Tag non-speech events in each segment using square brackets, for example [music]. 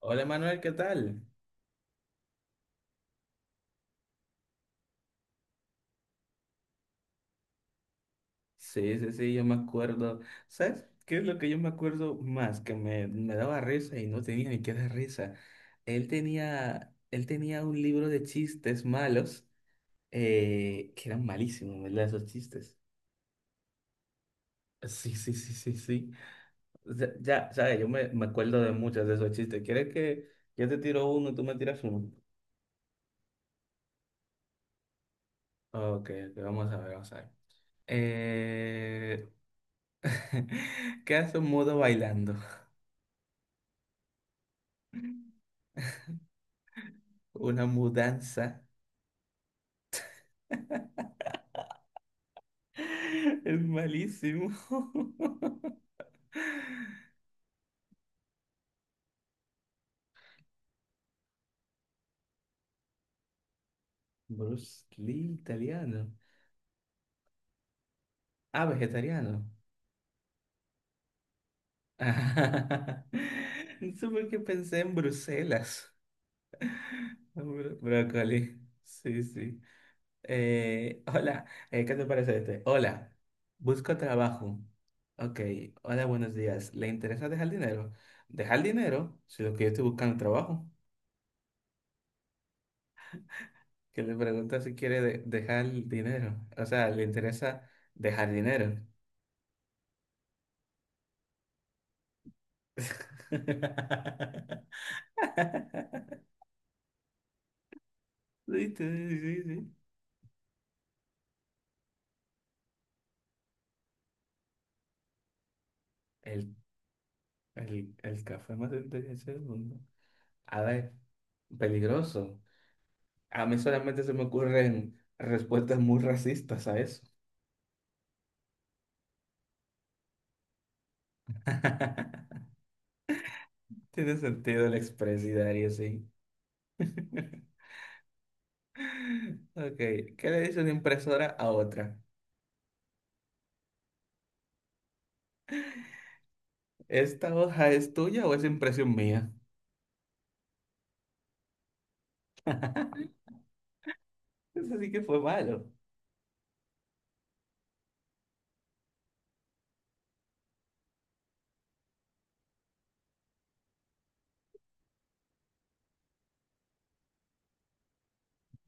Hola Manuel, ¿qué tal? Sí, sí, sí, yo me acuerdo. ¿Sabes qué es lo que yo me acuerdo más? Que me daba risa y no tenía ni qué dar risa. Él tenía un libro de chistes malos que eran malísimos, ¿verdad? Esos chistes. Sí, sí, sí, sí, sí. Ya, ya, sabes, yo me acuerdo de muchos de esos chistes. ¿Quieres que yo te tiro uno y tú me tiras uno? Ok, ok, vamos a ver, vamos a ver. Eh... [laughs] ¿Qué hace un mudo bailando? Una mudanza. [laughs] Es malísimo. [laughs] Bruce Lee, italiano. Ah, vegetariano. [laughs] No sé por qué pensé en Bruselas. [laughs] Ah, brócoli. Sí, sí. Hola. ¿Qué te parece este? Hola, busco trabajo. Ok, hola, buenos días. ¿Le interesa dejar dinero? ¿Dejar dinero? Si lo que yo estoy buscando es trabajo. Que le pregunta si quiere dejar el dinero. O sea, le interesa dejar dinero. [laughs] Sí, sí, sí, sí. El, el café más inteligente del mundo. A ver, peligroso. A mí solamente se me ocurren respuestas muy racistas a eso. [laughs] Tiene sentido el expresidario, sí. [laughs] Ok, ¿qué le dice una impresora a otra? ¿Esta hoja es tuya o es impresión mía? [laughs] Eso sí que fue malo.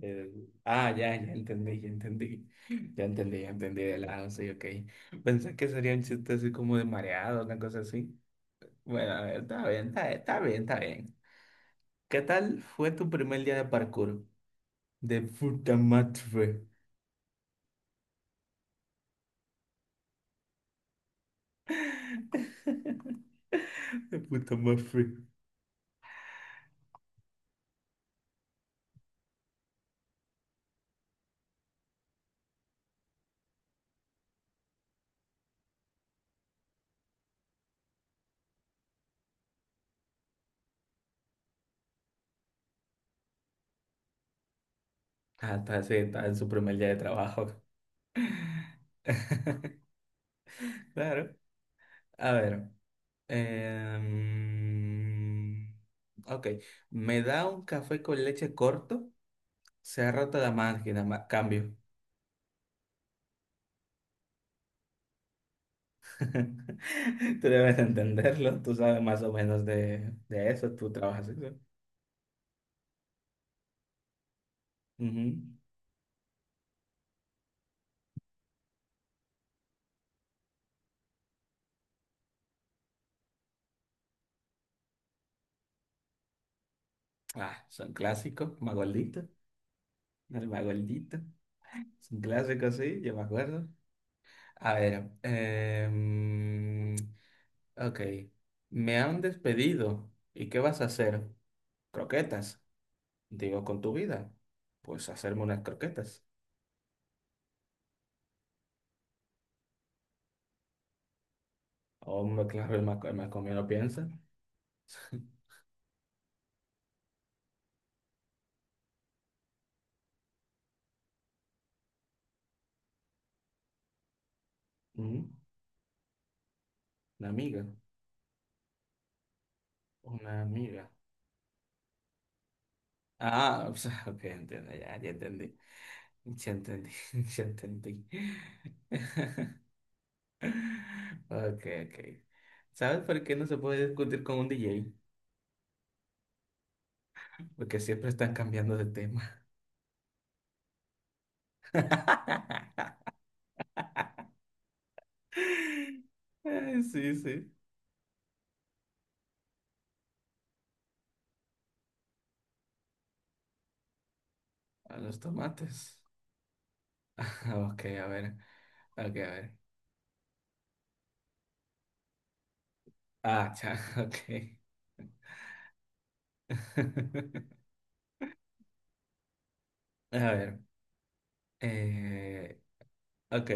Ah, ya, ya entendí, ya entendí. [laughs] Ya entendí de lado, sí, ok. Pensé que sería un chiste así como de mareado, una cosa así. Bueno, a ver, está bien, está bien, está bien. ¿Qué tal fue tu primer día de parkour? De puta madre. De puta madre. Ah, está, sí, está en su primer día de trabajo. [laughs] Claro. A ver. em, ok. ¿Me da un café con leche corto? Se ha roto la máquina, cambio. [laughs] Tú debes de entenderlo, tú sabes más o menos de eso, tú trabajas eso. Ujú. Ah, son clásicos, Magoldito, el Magoldito, es un clásico, sí, yo me acuerdo. A ver, ok, me han despedido, ¿y qué vas a hacer? Croquetas, digo, con tu vida, pues hacerme unas croquetas. Hombre, claro, el Macomio no piensa. [laughs] Ujú, Una amiga, una amiga. Ah, [laughs] pues, ok, entiendo, ya, ya entendí. Ya entendí, [laughs] ya entendí. Ok, ok. ¿Sabes por qué no se puede discutir con un DJ? Porque siempre están cambiando de tema. [laughs] Ay, sí, sí. A los tomates. [laughs] Ok, a ver. Ok, a ver. Ah, cha, [laughs] ok. [laughs] A ver. Eh, ok.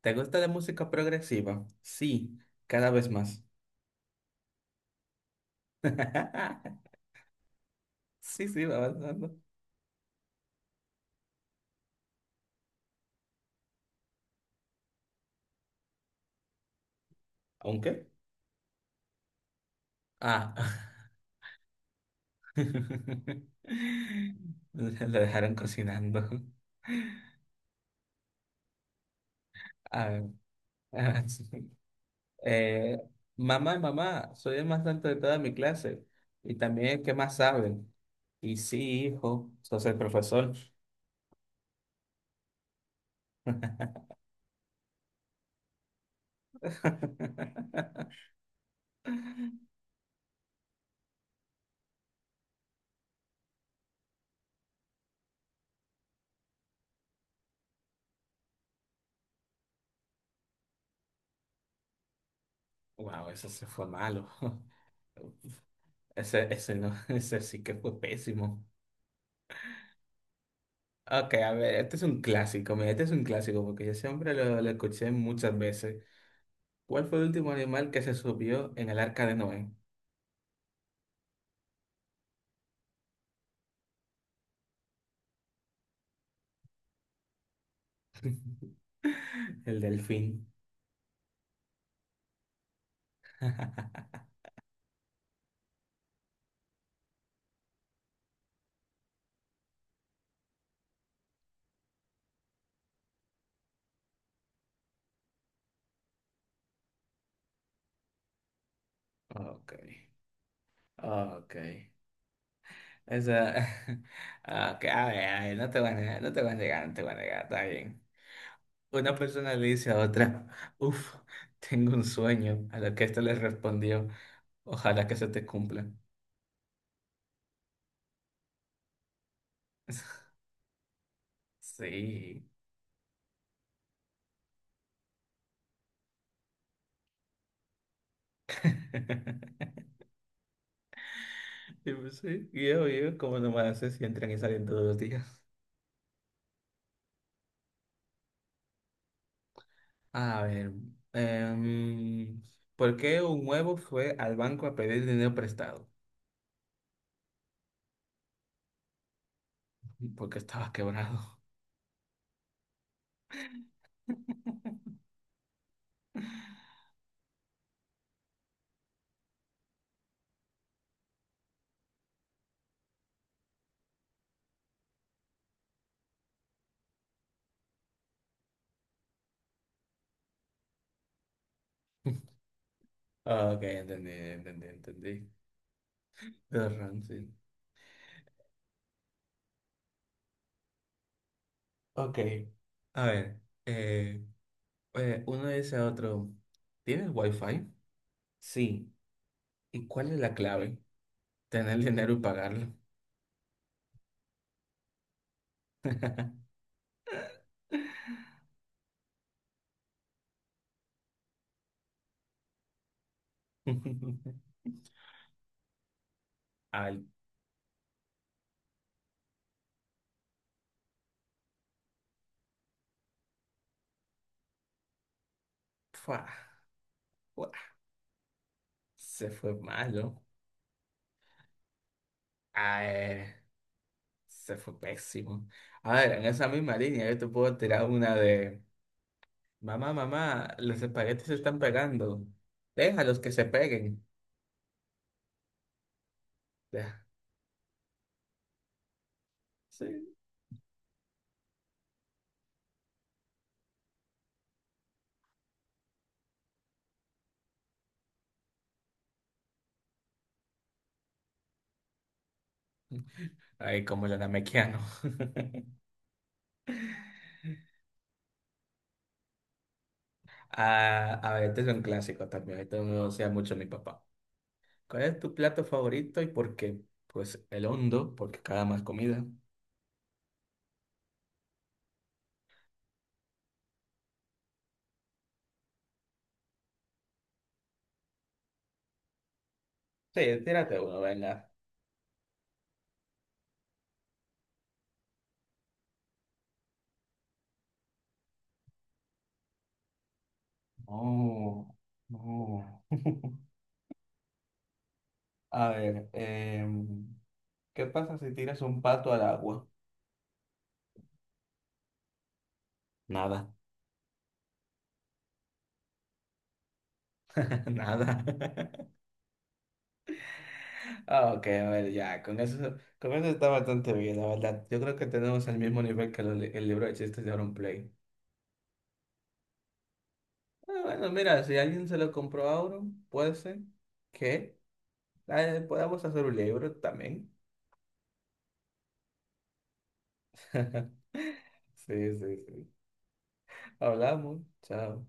¿Te gusta la música progresiva? Sí, cada vez más. [laughs] Sí, sí, va avanzando. ¿Aunque? Ah. [laughs] Lo dejaron cocinando. A ver, [laughs] eh, mamá, mamá, soy el más alto de toda mi clase. Y también el que más sabe. Y sí, hijo, sos el profesor. [laughs] Wow, eso se fue malo. [laughs] Ese no, [laughs] ese sí que fue pésimo. Ok, a ver, este es un clásico, mira, este es un clásico porque yo siempre lo escuché muchas veces. ¿Cuál fue el último animal que se subió en el arca de Noé? [laughs] El delfín. Ok, ok. Esa... [laughs] ah, ok, a ver, no te voy a negar, no te voy a negar, no te voy a negar, está bien. Una persona le dice a otra, [laughs] uff, tengo un sueño, a lo que esta le respondió, ojalá que se te cumpla. [laughs] Sí. [laughs] Y pues sí, y obvio, ¿cómo no me hace si entran y salen todos los días? A ver, em, ¿por qué un huevo fue al banco a pedir dinero prestado? Porque estaba quebrado. [laughs] Ah, ok, entendí, entendí, entendí. Tienes razón, sí. Ok, a ver. eh, uno dice a otro, ¿tienes wifi? Sí. ¿Y cuál es la clave? Tener dinero y pagarlo. [laughs] Al, fua, fua, se fue malo. Ah, se fue pésimo. A ver, en esa misma línea yo te puedo tirar una de, mamá, mamá, los espaguetis se están pegando. Déjalos que se peguen. Ya, sí. Ay, como el Mequiano. Ah, a ver, este es un clásico también. Esto no sea mucho mi papá. ¿Cuál es tu plato favorito y por qué? Pues el hondo, porque cada más comida. Sí, tírate uno, venga. No, no. [laughs] A ver, ¿qué pasa si tiras un pato al agua? Nada. [laughs] Nada. [laughs] Ah, ok, a ver, ya, con eso, está bastante bien, la verdad. Yo creo que tenemos el mismo nivel que el libro de chistes de Auron Play. Ah, bueno, mira, si alguien se lo compró a uno, puede ser que podamos hacer un libro también. [laughs] Sí, sí, sí. Hablamos. Chao.